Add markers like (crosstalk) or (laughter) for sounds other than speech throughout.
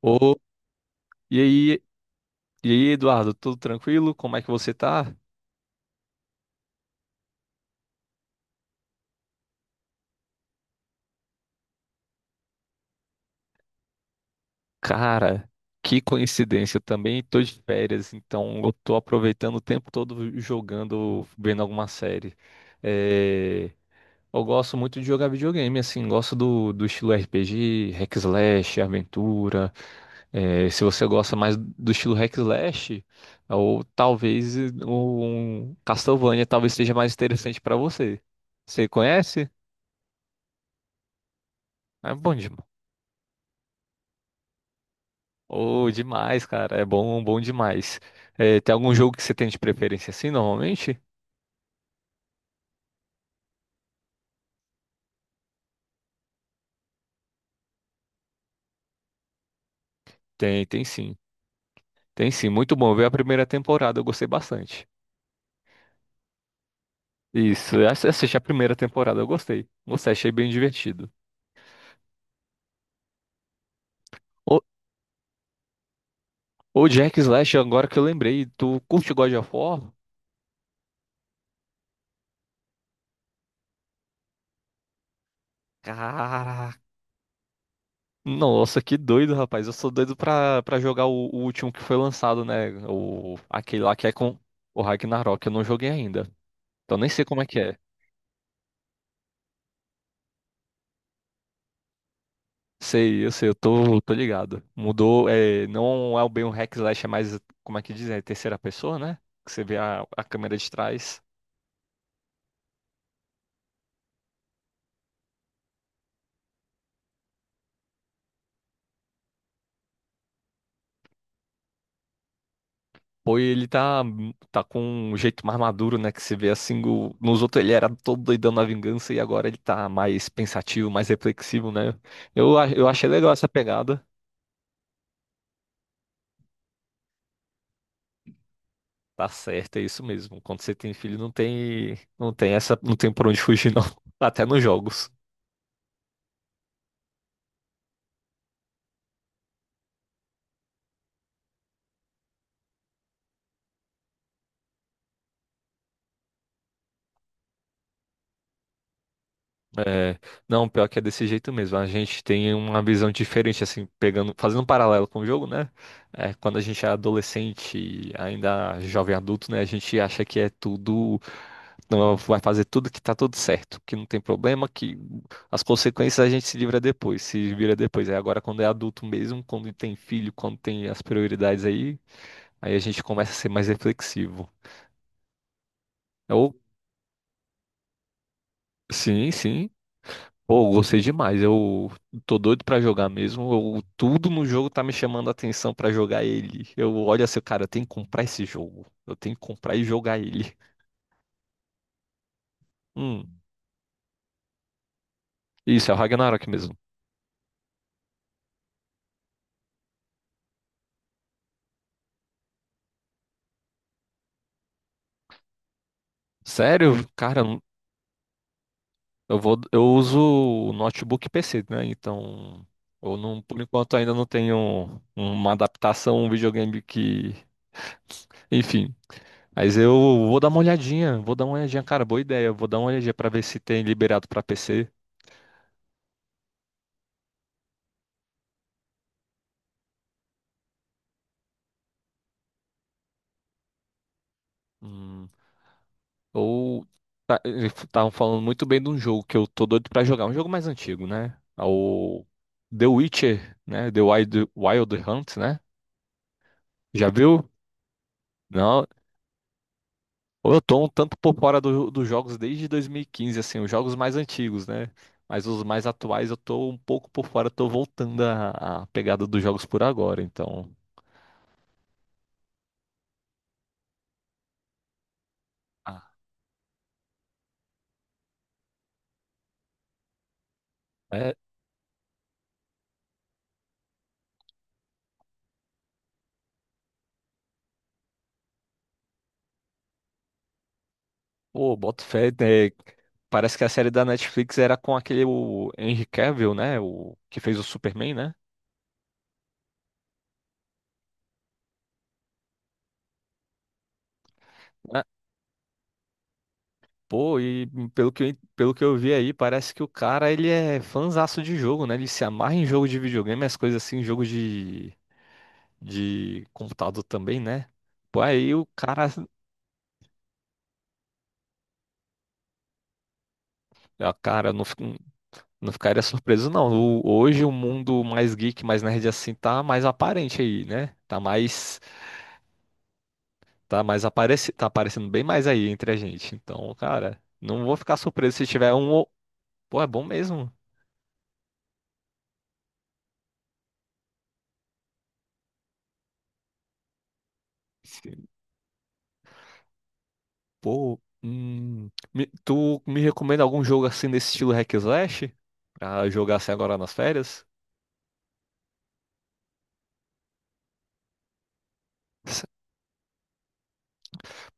Ô, e aí, e aí, Eduardo, tudo tranquilo? Como é que você tá? Cara, que coincidência, eu também tô de férias, então eu tô aproveitando o tempo todo jogando, vendo alguma série. É, Eu gosto muito de jogar videogame, assim, gosto do estilo RPG, hack slash, aventura. Se você gosta mais do estilo hack slash, ou talvez um Castlevania talvez seja mais interessante pra você. Você conhece? É bom demais. Oh, demais, cara. É bom, bom demais. Tem algum jogo que você tem de preferência assim, normalmente? Tem sim. Tem sim. Muito bom. Eu vi a primeira temporada, eu gostei bastante. Isso, assisti a primeira temporada, eu gostei. Gostei, achei bem divertido. Ô, ô Jack Slash, agora que eu lembrei, tu curte God of War? Caraca. Nossa, que doido, rapaz. Eu sou doido pra jogar o último que foi lançado, né? Aquele lá que é com o Ragnarok, eu não joguei ainda. Então nem sei como é que é. Sei, eu sei, eu tô ligado. Mudou, é, não é bem um hack slash, é mais, como é que diz, é terceira pessoa, né? Que você vê a câmera de trás. Pô, e ele tá com um jeito mais maduro, né? Que você vê assim, nos outros ele era todo doidão na vingança e agora ele tá mais pensativo, mais reflexivo, né? Eu achei legal essa pegada. Tá certo, é isso mesmo. Quando você tem filho, não tem essa, não tem por onde fugir, não. (laughs) Até nos jogos. É, não, pior que é desse jeito mesmo. A gente tem uma visão diferente, assim, pegando, fazendo um paralelo com o jogo, né? Quando a gente é adolescente, e ainda jovem adulto, né? A gente acha que é tudo, não, vai fazer tudo que tá tudo certo, que não tem problema, que as consequências a gente se livra depois, se vira depois. É agora quando é adulto mesmo, quando tem filho, quando tem as prioridades aí, aí a gente começa a ser mais reflexivo. Ou, sim, sim. Pô, eu gostei demais. Eu tô doido pra jogar mesmo. Tudo no jogo tá me chamando a atenção pra jogar ele. Eu olho assim, cara, eu tenho que comprar esse jogo. Eu tenho que comprar e jogar ele. Hum, isso, é o Ragnarok mesmo. Sério? Cara, eu uso notebook e PC, né? Então, eu não, por enquanto ainda não tenho uma adaptação, um videogame que, enfim. Mas eu vou dar uma olhadinha, vou dar uma olhadinha, cara, boa ideia. Eu vou dar uma olhadinha pra ver se tem liberado pra PC. Hum. Ou eles estavam falando muito bem de um jogo que eu tô doido pra jogar, um jogo mais antigo, né? É o The Witcher, né? The Wild, Wild Hunt, né? Já viu? Não. Ou eu tô um tanto por fora dos jogos desde 2015 assim, os jogos mais antigos, né? Mas os mais atuais eu tô um pouco por fora, tô voltando à pegada dos jogos por agora, então. Ah, é. Pô, boto fé, né? Parece que a série da Netflix era com aquele o Henry Cavill, né? O que fez o Superman, né? Pô, e pelo que eu, pelo que eu vi aí, parece que o cara, ele é fanzaço de jogo, né? Ele se amarra em jogo de videogame, as coisas assim, jogo de computador também, né? Pô, aí o cara, ah, cara, eu não, fi- não ficaria surpreso, não. Hoje o mundo mais geek, mais nerd assim, tá mais aparente aí, né? Tá aparecendo bem mais aí entre a gente. Então, cara, não vou ficar surpreso se tiver um... Pô, é bom mesmo. Pô, tu me recomenda algum jogo assim nesse estilo hack and slash? Pra jogar assim agora nas férias? (laughs) S-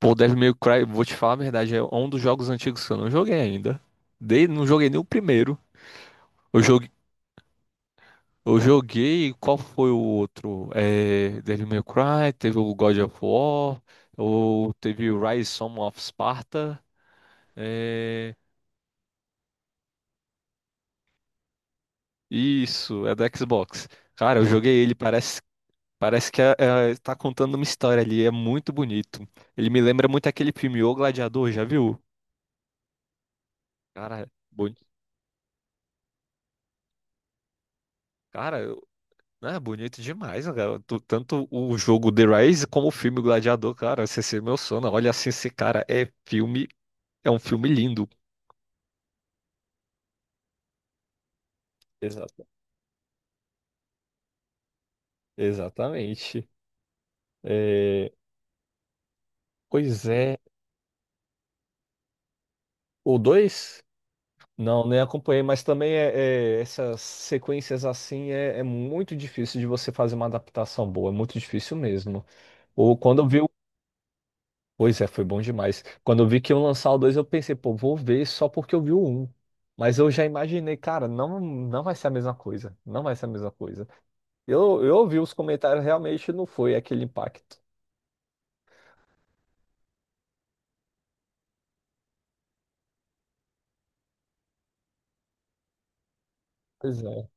Pô, Devil May Cry, vou te falar a verdade, é um dos jogos antigos que eu não joguei ainda. Não joguei nem o primeiro. Eu joguei, eu joguei, qual foi o outro? Devil May Cry, teve o God of War, ou teve o Rise Son of Sparta. É, isso, é do Xbox. Cara, eu joguei ele. Parece que está contando uma história ali, é muito bonito. Ele me lembra muito aquele filme O Gladiador, já viu? Cara, boni... cara, eu- é bonito demais, né, cara. Tanto o jogo The Rise como o filme O Gladiador, cara, esse é meu sono. Olha assim, esse cara é filme, é um filme lindo. Exato, exatamente. É, Pois é, o dois não, nem acompanhei, mas também essas sequências assim é muito difícil de você fazer uma adaptação boa, é muito difícil mesmo. Ou quando eu vi o. um, Pois é, foi bom demais. Quando eu vi que iam lançar o 2 eu pensei, pô, vou ver só porque eu vi o 1. Mas eu já imaginei, cara, não, não vai ser a mesma coisa. Não vai ser a mesma coisa. Eu ouvi os comentários, realmente não foi aquele impacto. Pois é.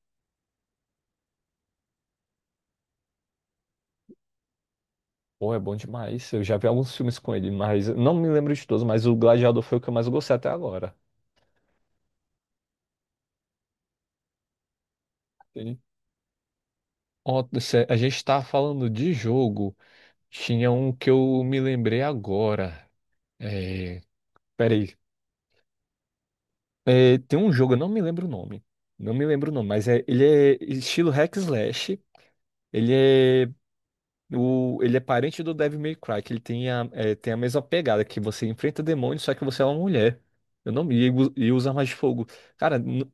Pô, é bom demais. Eu já vi alguns filmes com ele, mas não me lembro de todos, mas o Gladiador foi o que eu mais gostei até agora. Sim. Ó, a gente tá falando de jogo. Tinha um que eu me lembrei agora. É... Peraí, tem um jogo, eu não me lembro o nome. Não me lembro o nome, mas ele é estilo hack slash. Ele é, ele é parente do Devil May Cry, que ele tem tem a mesma pegada, que você enfrenta demônios, só que você é uma mulher. Eu não me ligo e usa armas de fogo. Cara,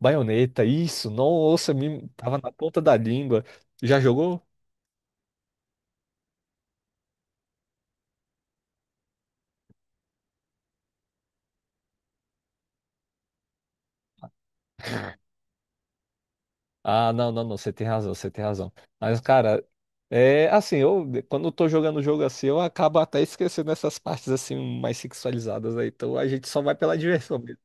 baioneta, isso, nossa, tava na ponta da língua. Já jogou? Ah, não, não, não, você tem razão, você tem razão. Mas, cara, é assim, eu quando eu tô jogando o jogo assim, eu acabo até esquecendo essas partes assim mais sexualizadas aí. Então a gente só vai pela diversão mesmo.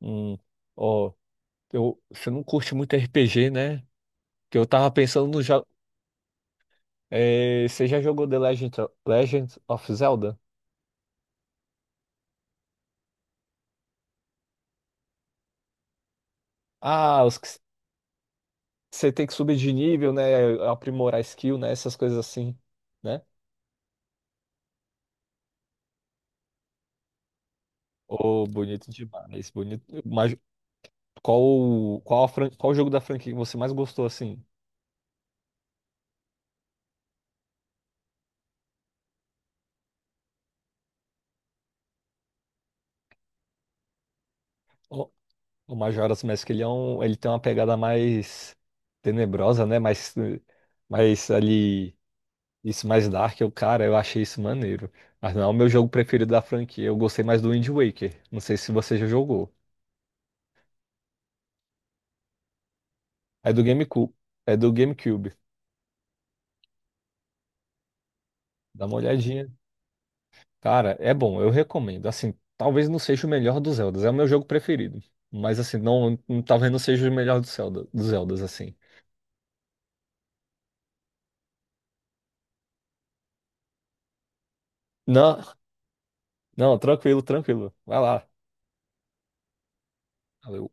Hum, ó, você não curte muito RPG, né? Que eu tava pensando no jogo. Você já jogou Legend of Zelda? Ah, os que você tem que subir de nível, né? Aprimorar skill, né? Essas coisas assim, né? Ô, bonito demais, bonito. Uma Qual, qual, a fran- Qual o jogo da franquia que você mais gostou, assim? O, o Majora's Mask, ele tem uma pegada mais tenebrosa, né? Mais, eh, mais ali, isso mais dark. Cara, eu achei isso maneiro. Mas não é o meu jogo preferido da franquia. Eu gostei mais do Wind Waker. Não sei se você já jogou. É do GameCube. É do GameCube. Dá uma olhadinha. Cara, é bom, eu recomendo. Assim, talvez não seja o melhor dos Zeldas. É o meu jogo preferido. Mas assim, não, talvez não seja o melhor do Zelda, dos Zeldas, assim. Não, não, tranquilo, tranquilo. Vai lá. Valeu.